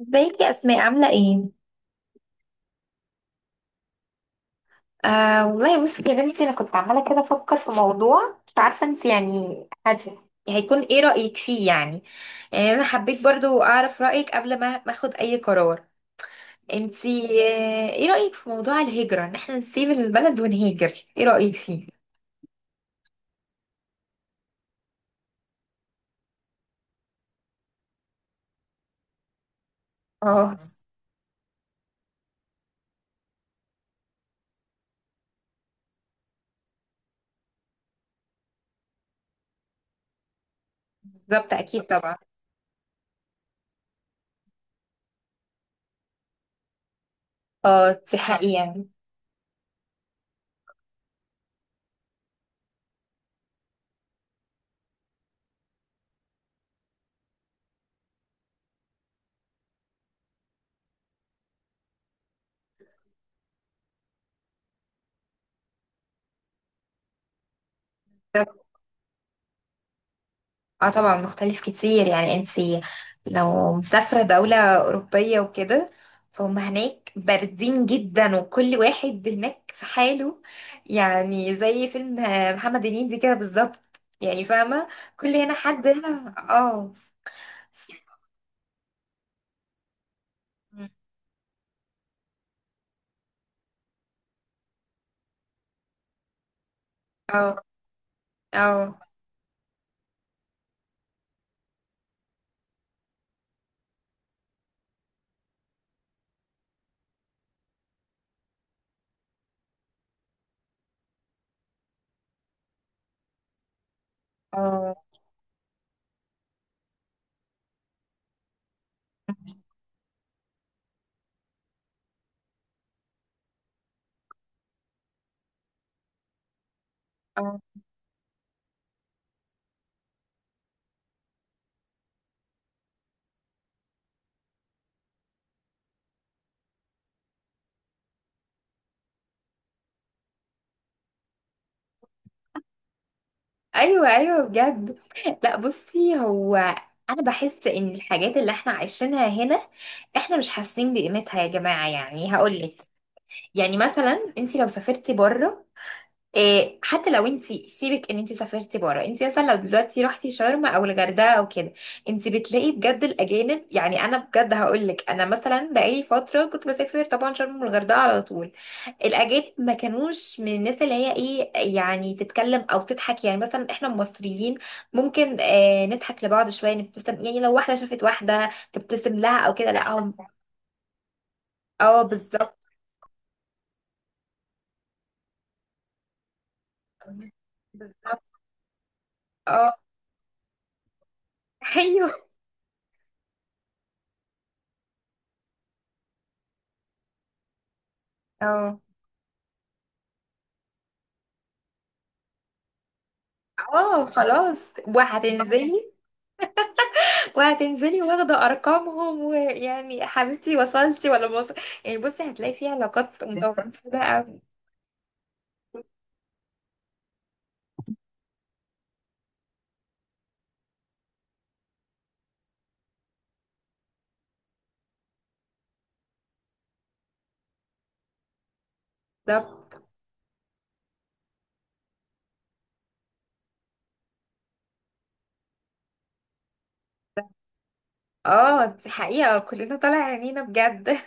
ازيك يا اسماء، عامله ايه؟ والله بصي يا بنتي، انا كنت عماله كده افكر في موضوع، مش عارفه انت يعني. هيكون ايه رايك فيه يعني؟ يعني انا حبيت برضو اعرف رايك قبل ما اخد اي قرار. انت ايه رايك في موضوع الهجره، ان احنا نسيب البلد ونهاجر؟ ايه رايك فيه؟ اه، بالظبط، اكيد طبعا. اه، دي حقيقه. اه، طبعا مختلف كتير. يعني انت لو مسافرة دولة أوروبية وكده، فهم هناك باردين جدا، وكل واحد هناك في حاله. يعني زي فيلم محمد هنيدي كده بالظبط، يعني فاهمة؟ كل هنا حد هنا، اه، اه، اه، اه، اه، ايوه، ايوه بجد. لا بصي، هو انا بحس ان الحاجات اللي احنا عايشينها هنا، احنا مش حاسين بقيمتها يا جماعه. يعني هقولك، يعني مثلا انت لو سافرتي بره. إيه، حتى لو انت سيبك ان انت سافرتي بره، انت مثلا لو دلوقتي رحتي شرم او الغردقه او كده، انت بتلاقي بجد الاجانب. يعني انا بجد هقول لك، انا مثلا بقالي فتره كنت بسافر طبعا شرم والغردقه على طول. الاجانب ما كانوش من الناس اللي هي ايه، يعني تتكلم او تضحك. يعني مثلا احنا المصريين ممكن نضحك لبعض شويه، نبتسم، يعني لو واحده شافت واحده تبتسم لها او كده. لا هم. اه، بالظبط. بالظبط، اه. ايوه. اه، اه، خلاص. وهتنزلي. وهتنزلي واخدة ارقامهم، ويعني يا حبيبتي، وصلتي ولا ما وصل. يعني بصي، هتلاقي في علاقات متوازنة بقى. بالظبط. اه، دي حقيقة، كلنا طالع عينينا بجد.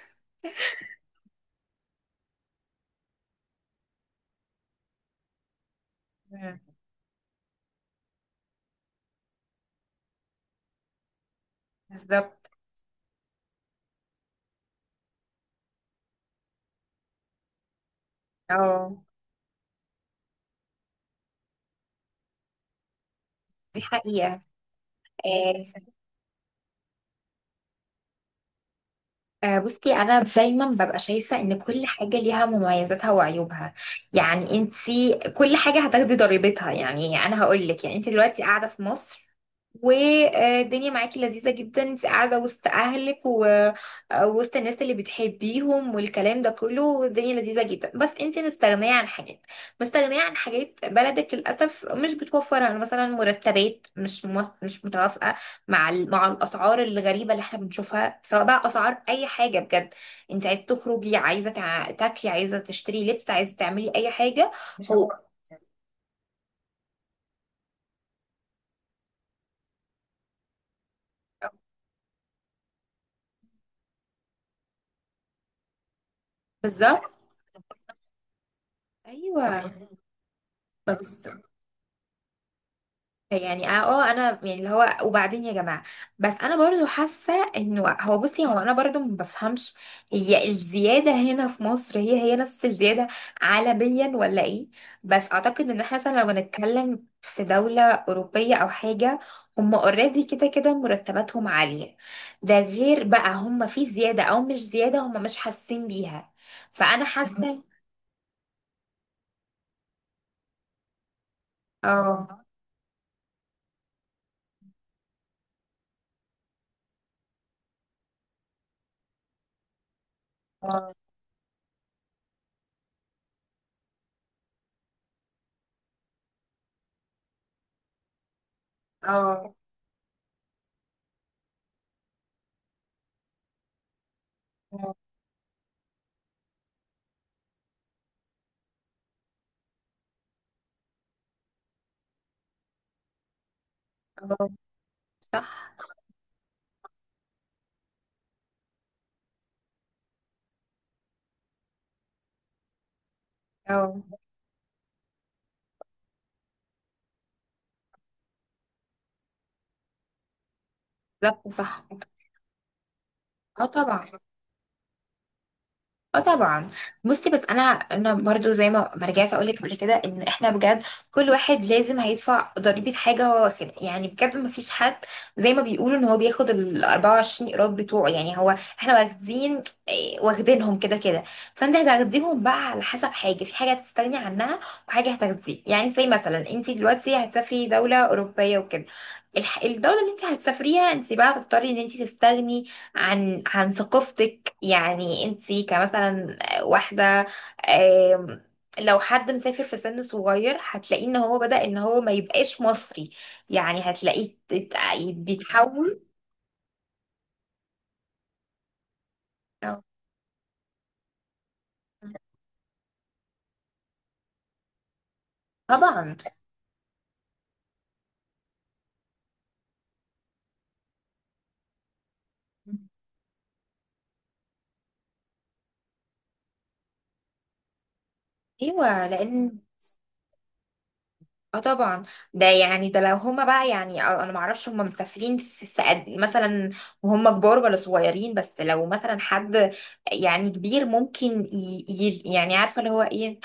مم. بالظبط. اه، دي حقيقة. آه بصي، انا دايما ببقى شايفة ان كل حاجة ليها مميزاتها وعيوبها. يعني انتي كل حاجة هتاخدي ضريبتها. يعني انا هقول لك، يعني انتي دلوقتي قاعدة في مصر والدنيا معاكي لذيذة جدا، انت قاعدة وسط اهلك ووسط الناس اللي بتحبيهم والكلام ده كله. الدنيا لذيذة جدا، بس انت مستغنية عن حاجات. مستغنية عن حاجات بلدك للأسف مش بتوفرها، مثلا مرتبات مش متوافقة مع الأسعار الغريبة اللي احنا بنشوفها، سواء بقى أسعار أي حاجة بجد. انت عايزة تخرجي، عايزة تاكلي، عايزة تشتري لبس، عايزة تعملي أي حاجة. مش هو حوار. بالظبط. ايوه. بس يعني انا يعني اللي هو، وبعدين يا جماعه. بس انا برضو حاسه انه هو، بصي هو انا برضو ما بفهمش. هي الزياده هنا في مصر هي نفس الزياده عالميا ولا ايه؟ بس اعتقد ان احنا مثلا لو هنتكلم في دوله اوروبيه او حاجه، هم اوريدي كده كده مرتباتهم عاليه. ده غير بقى هم في زياده او مش زياده هم مش حاسين بيها. فانا حاسه. اه، اه، اه، آه، آه، صح. اه، بالظبط، صح. اه، طبعا. اه، طبعا. بصي بس انا برضو زي ما رجعت اقول لك قبل كده، ان احنا بجد كل واحد لازم هيدفع ضريبه حاجه هو واخدها. يعني بجد ما فيش حد زي ما بيقولوا ان هو بياخد ال 24 قيراط بتوعه. يعني هو احنا واخدين واخدينهم كده كده. فانت هتاخديهم بقى على حسب، حاجه في حاجه هتستغني عنها وحاجه هتاخديها. يعني زي مثلا انت دلوقتي هتسافري دوله اوروبيه وكده، الدوله اللي انت هتسافريها، انت بقى هتضطري ان انت تستغني عن ثقافتك. يعني انتي كمثلا واحدة. آم، لو حد مسافر في سن صغير، هتلاقيه ان هو بدأ ان هو ما يبقاش مصري. يعني هتلاقيه بيتحول. اه. طبعا. ايوه لان. اه، طبعا. ده يعني ده لو هما بقى يعني، انا ما اعرفش هما مسافرين في قد إيه مثلا، وهم كبار ولا صغيرين. بس لو مثلا حد يعني كبير، ممكن يعني عارفه اللي هو ايه،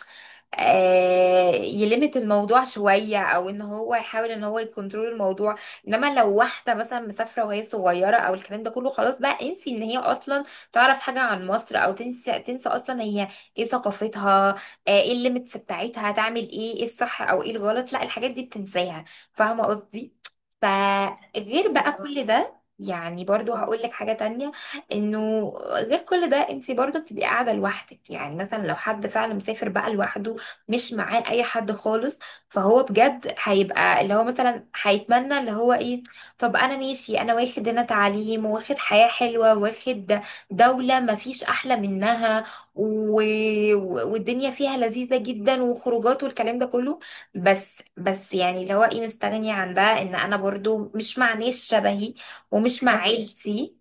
يلمت الموضوع شوية، او ان هو يحاول ان هو يكنترول الموضوع. انما لو واحدة مثلا مسافرة وهي صغيرة او الكلام ده كله، خلاص بقى انسي ان هي اصلا تعرف حاجة عن مصر، او تنسى، تنسى اصلا هي ايه ثقافتها، ايه الليميتس بتاعتها، هتعمل ايه، ايه الصح او ايه الغلط. لا، الحاجات دي بتنساها. فاهمة قصدي؟ فغير بقى كل ده، يعني برضو هقول لك حاجة تانية. انه غير كل ده، انت برضو بتبقي قاعدة لوحدك. يعني مثلا لو حد فعلا مسافر بقى لوحده مش معاه اي حد خالص، فهو بجد هيبقى اللي هو مثلا هيتمنى اللي هو ايه. طب انا ماشي، انا واخد هنا تعليم، واخد حياة حلوة، واخد دولة ما فيش احلى منها، و... والدنيا فيها لذيذة جدا، وخروجات والكلام ده كله. بس يعني اللي هو ايه، مستغني عن ده، ان انا برضو مش مع ناس شبهي ومش مع عيلتي.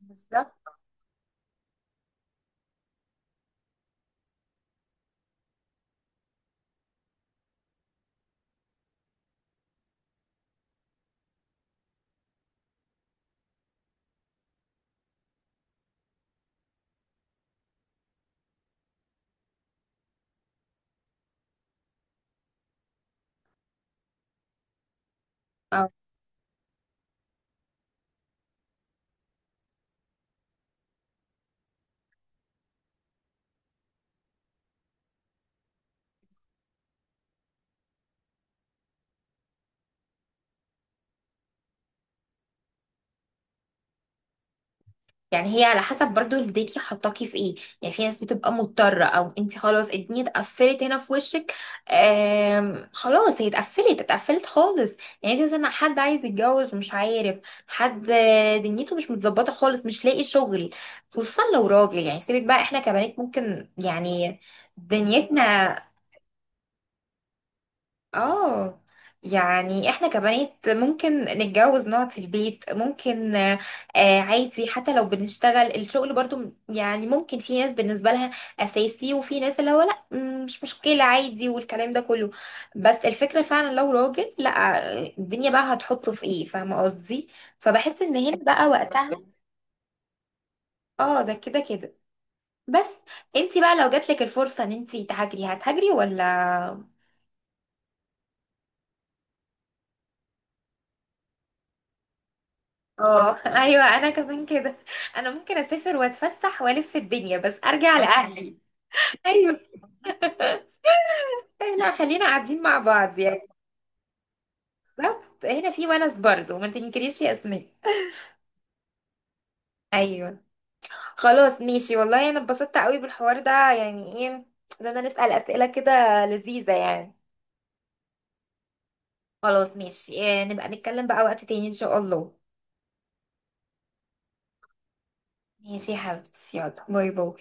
بالظبط. يعني هي على حسب برضو الدنيا حطاكي في ايه. يعني في ناس بتبقى مضطرة، او انت خلاص الدنيا اتقفلت هنا في وشك. خلاص هي اتقفلت، اتقفلت خالص. يعني انت مثلا حد عايز يتجوز ومش عارف، حد دنيته مش متظبطة خالص، مش لاقي شغل، خصوصا لو راجل. يعني سيبك بقى، احنا كبنات ممكن يعني دنيتنا. اه، يعني احنا كبنات ممكن نتجوز نقعد في البيت ممكن عادي. حتى لو بنشتغل الشغل برضو يعني ممكن في ناس بالنسبة لها أساسي، وفي ناس اللي هو لا، مش مشكلة عادي والكلام ده كله. بس الفكرة فعلا لو راجل، لا، الدنيا بقى هتحطه في ايه، فاهمة قصدي؟ فبحس ان هنا بقى وقتها. اه، ده كده كده. بس. انتي بقى لو جاتلك الفرصة ان انتي تهاجري، هتهاجري ولا؟ اه، ايوه، انا كمان كده. انا ممكن اسافر واتفسح والف في الدنيا، بس ارجع لاهلي. ايوه. لا، خلينا قاعدين مع بعض يعني. بالظبط، هنا في ونس برضه، ما تنكريش يا اسماء. ايوه. خلاص ماشي، والله انا اتبسطت قوي بالحوار ده. يعني ايه، ده انا نسأل اسئله كده لذيذه يعني. خلاص ماشي، نبقى نتكلم بقى وقت تاني ان شاء الله. ماشي يا حبيبتي، يلا باي باي.